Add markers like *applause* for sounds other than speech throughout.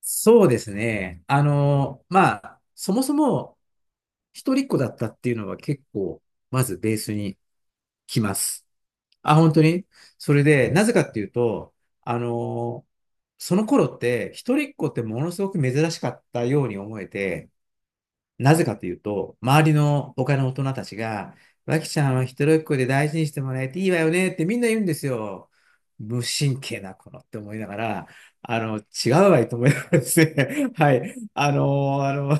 そうですね。まあ、そもそも一人っ子だったっていうのは結構、まずベースに来ます。あ、本当にそれで、なぜかっていうと、あの、その頃って一人っ子ってものすごく珍しかったように思えて、なぜかというと、周りの他の大人たちが、わきちゃんは一人っ子で大事にしてもらえていいわよねってみんな言うんですよ。無神経な子のって思いながら、違うわいと思いながらですね。*laughs* はい。ーあの、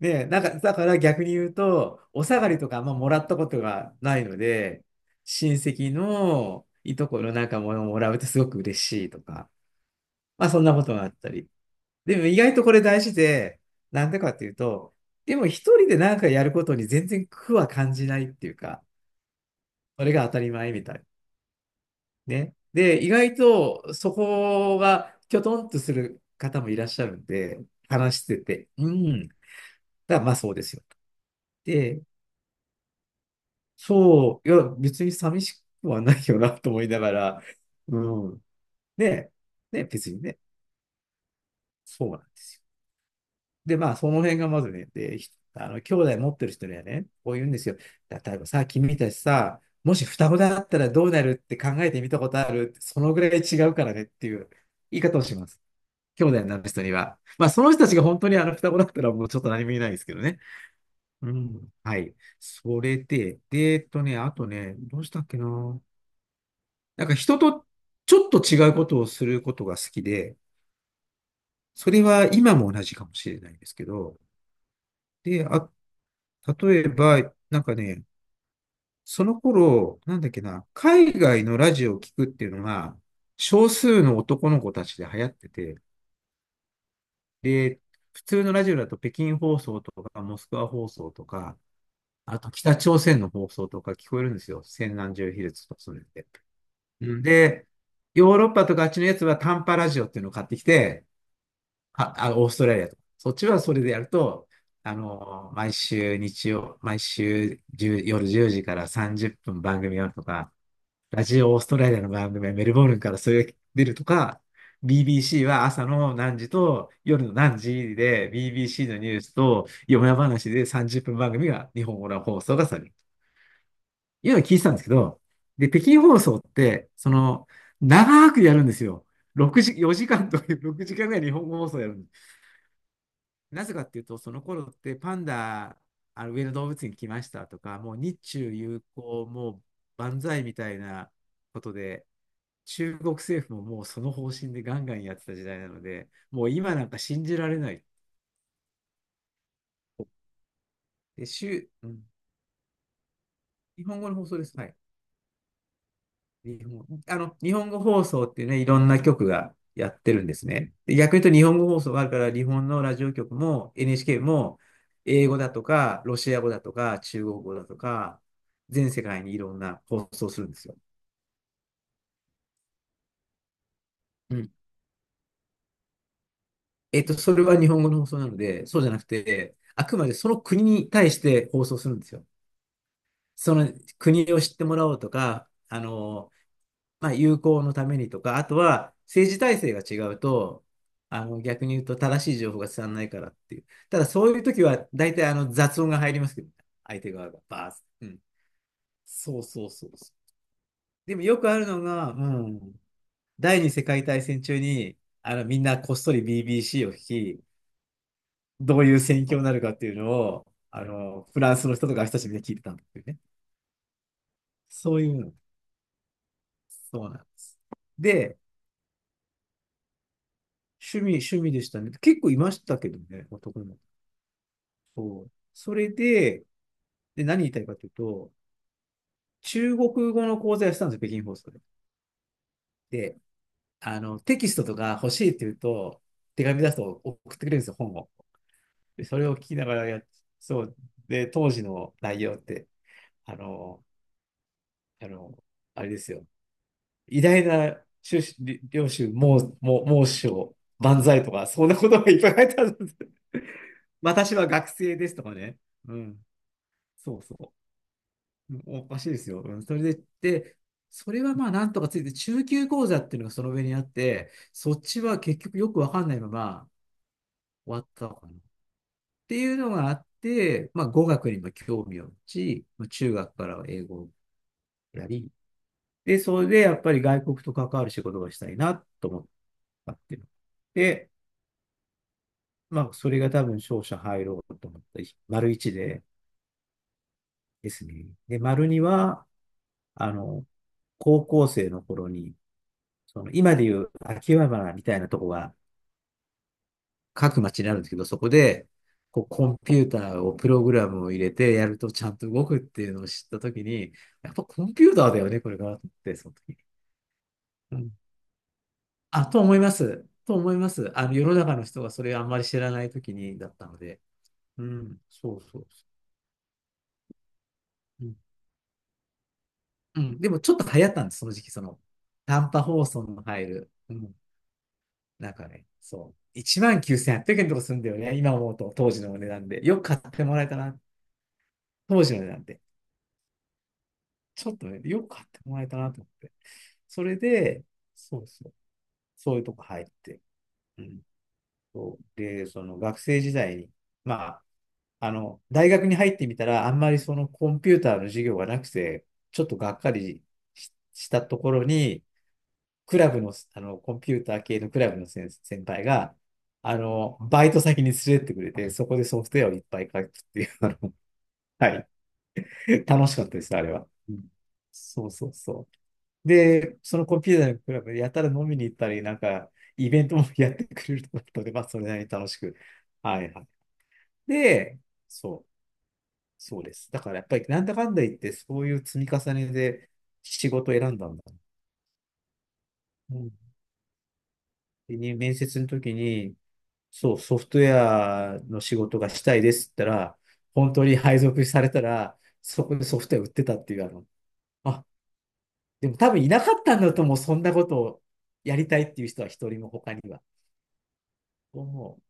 ね、なんか、だから逆に言うと、お下がりとかあんまもらったことがないので、親戚のいとこのなんかものをもらうとすごく嬉しいとか、まあそんなことがあったり。でも意外とこれ大事で、なんでかっていうと、でも一人で何かやることに全然苦は感じないっていうか、それが当たり前みたい。ね。で、意外とそこがきょとんとする方もいらっしゃるんで、話してて、うん。だからまあそうですよ。で、そう、いや、別に寂しくはないよなと思いながら、うん。ね、ね、別にね、そうなんですよ。で、まあ、その辺がまずね、で、ひあの、兄弟持ってる人にはね、こう言うんですよ。例えばさ、君たちさ、もし双子だったらどうなるって考えてみたことあるそのぐらい違うからねっていう言い方をします。兄弟になる人には。まあ、その人たちが本当に双子だったらもうちょっと何も言えないですけどね。うん。はい。それで、で、あとね、どうしたっけな。なんか人とちょっと違うことをすることが好きで、それは今も同じかもしれないですけど、で、例えば、なんかね、その頃、なんだっけな、海外のラジオを聞くっていうのが、少数の男の子たちで流行ってて、で、普通のラジオだと北京放送とか、モスクワ放送とか、あと北朝鮮の放送とか聞こえるんですよ。千何十ヒルツとかそれで。うんで、ヨーロッパとかあっちのやつは短波ラジオっていうのを買ってきて、オーストラリアとか。そっちはそれでやると、毎週日曜、毎週1夜10時から30分番組やるとか、ラジオオーストラリアの番組はメルボルンからそれが出るとか、BBC は朝の何時と夜の何時で BBC のニュースとよや話で30分番組が日本語の放送がされる。いうのを聞いてたんですけど、で、北京放送って、その、長くやるんですよ。6時、4時間とか6時間ぐらい日本語放送やるんです。なぜかっていうと、その頃ってパンダ、あの上野動物園来ましたとか、もう日中友好、もう万歳みたいなことで、中国政府ももうその方針でガンガンやってた時代なので、もう今なんか信じられない。で、週、うん、日本語の放送です。はい。日本語放送ってね、いろんな局がやってるんですね。で逆に言うと日本語放送があるから、日本のラジオ局も NHK も英語だとか、ロシア語だとか、中国語だとか、全世界にいろんな放送をするんですよ。うん。えっと、それは日本語の放送なので、そうじゃなくて、あくまでその国に対して放送するんですよ。その国を知ってもらおうとか、まあ、友好のためにとか、あとは政治体制が違うと、逆に言うと正しい情報が伝わらないからっていう。ただそういう時は大体あの雑音が入りますけど、相手側がバーッうん。そうそうそうそう。でもよくあるのが、うん、第二次世界大戦中にみんなこっそり BBC を聞き、どういう戦況になるかっていうのを、あのフランスの人とか私たちみんな聞いてたんだっていうね。そういうの。そうなんです。で、趣味でしたね。結構いましたけどね、男の子。そう。それで、で、何言いたいかというと、中国語の講座やってたんですよ、北京放送で。で、テキストとか欲しいって言うと、手紙出すと送ってくれるんですよ、本を。で、それを聞きながらやっ、そう。で、当時の内容って、あの、あの、あれですよ。偉大な宗主領主、もう、もう師匠、万歳とか、そんなことがいっぱい書いてあるんです。*laughs* 私は学生ですとかね。うん。そうそう。おかしいですよ。うんそれで、で、それはまあなんとかついて、中級講座っていうのがその上にあって、そっちは結局よくわかんないまま終わったのかな。っていうのがあって、まあ語学にも興味を持ち、まあ中学からは英語をやり、で、それでやっぱり外国と関わる仕事がしたいなと思ってかっていうの。で、まあ、それが多分勝者入ろうと思ったり、丸1でですね。で、丸2は、あの、高校生の頃に、その今でいう秋葉原みたいなとこが各町にあるんですけど、そこで、こうコンピューターをプログラムを入れてやるとちゃんと動くっていうのを知ったときに、やっぱコンピューターだよね、これがって、その時に。うんあ、と思います。と思います。世の中の人がそれをあんまり知らないときにだったので。うん、そうそうそう。うんうん。でもちょっと流行ったんです、その時期、その、短波放送の入る。うん。なんかね、そう。19,800円とかするんだよね。今思うと、当時の値段で。よく買ってもらえたな。当時の値段で。ちょっとね、よく買ってもらえたなと思って。それで、そうそう。そういうとこ入って。うん。そうで、その学生時代に、まあ、大学に入ってみたら、あんまりそのコンピューターの授業がなくて、ちょっとがっかりししたところに、クラブの、コンピューター系のクラブの先輩が、バイト先に連れてってくれて、そこでソフトウェアをいっぱい書くっていう、あの、*laughs* はい。楽しかったです、あれは。うんそうそうそう。で、そのコンピューターのクラブでやたら飲みに行ったり、なんか、イベントもやってくれるとこだったので、まあ、それなりに楽しく。はいはい。で、そう、そうです。だからやっぱり、なんだかんだ言って、そういう積み重ねで仕事を選んだんだ。うんでね面接の時に、そう、ソフトウェアの仕事がしたいですって言ったら、本当に配属されたら、そこでソフトウェア売ってたっていう、あの、あ、でも多分いなかったんだと思う、そんなことをやりたいっていう人は一人も他には。思う。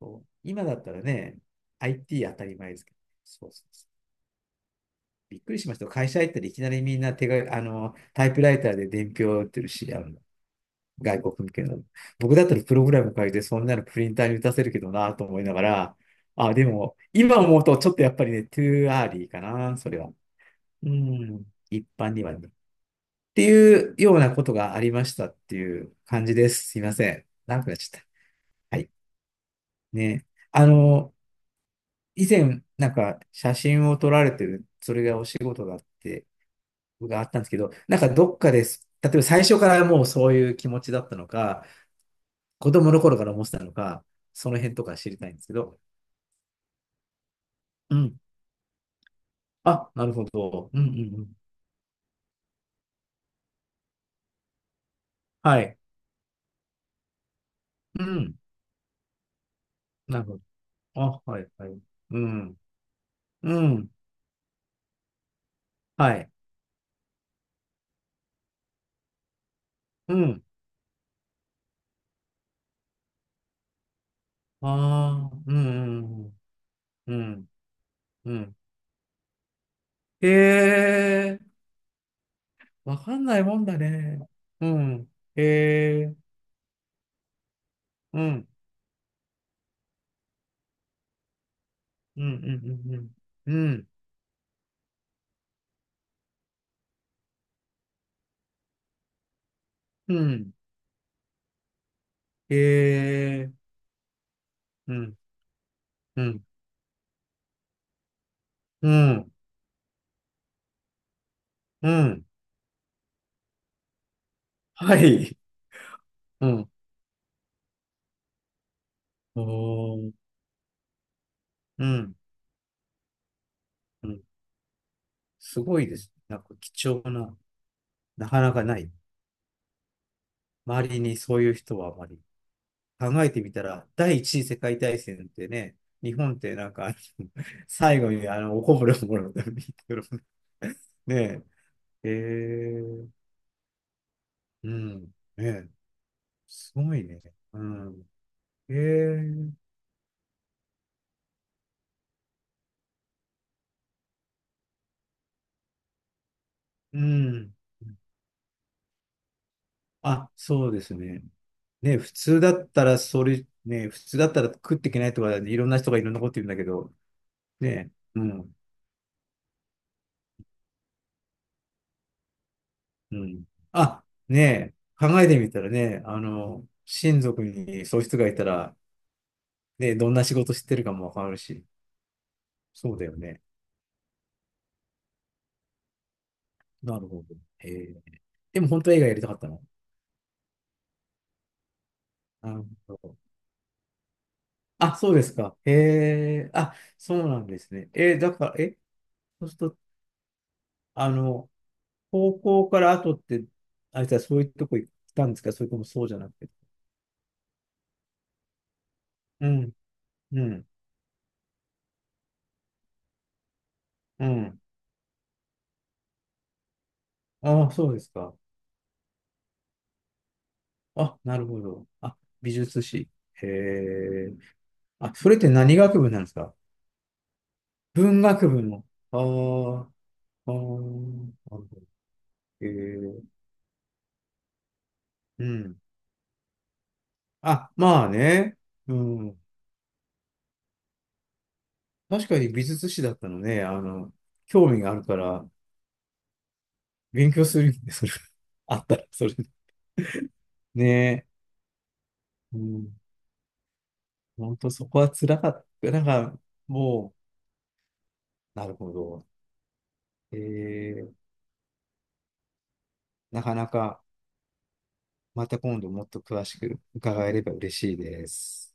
そう今だったらね、IT 当たり前ですけど、そうそうそう。びっくりしました。会社入ったらいきなりみんな手が、タイプライターで伝票を打ってるし、外国向けの。僕だったらプログラム書いて、そんなのプリンターに打たせるけどなと思いながら、あ、でも、今思うとちょっとやっぱりね、トゥーアーリーかな、それは。うん、一般にはね。っていうようなことがありましたっていう感じです。すいません。長くなっちゃった。はい。ね。あの、以前、なんか写真を撮られてる、それがお仕事だって、があったんですけど、なんかどっかです。例えば最初からもうそういう気持ちだったのか、子供の頃から思ってたのか、その辺とか知りたいんですけど。うん。あ、なるほど。うんうんうん。はい。うん。なるほど。あ、はいはい。うん。うん。はい。うん。ああ、うんうんうん。うん。うん。へえ、わかんないもんだね。うん。へえ、うん。うんうんうんうん。うん。うん。へえ、うん。うん。うん。うん。はい。うん。おー。うん。うん、すごいです。なんか貴重な、なかなかない。周りにそういう人はあまり。考えてみたら、第一次世界大戦ってね、日本ってなんか、*laughs* 最後におこぼれをもらうために行くの *laughs* ねえ、えー、うん、ねえ、すごいね。うん、えー、うん。あ、そうですね。ね、普通だったら、それ、ね、普通だったら食っていけないとか、いろんな人がいろんなこと言うんだけど、ね、うん。うん。あ、ねえ、考えてみたらね、親族にそういう人がいたら、ね、どんな仕事してるかもわかるし、そうだよね。なるほど。へえ。でも本当は映画やりたかったの？なるほど。あ、そうですか。へえ。あ、そうなんですね。だから、え、そうすると、あの、高校から後って、あいつはそういうとこ行ったんですか、それともそうじゃなくて。うん、うん、うん。ああ、そうですか。あ、なるほど。あ、美術史。へえ。あ、それって何学部なんですか？文学部の。あーあー、なるほど。えー、うん。あ、まあね。うん。確かに美術史だったのね。興味があるから、勉強するんで、それ。*laughs* あったら、それ。ねえ。うん。本当そこは辛かった。なんか、もう、なるほど。えー、なかなか、また今度もっと詳しく伺えれば嬉しいです。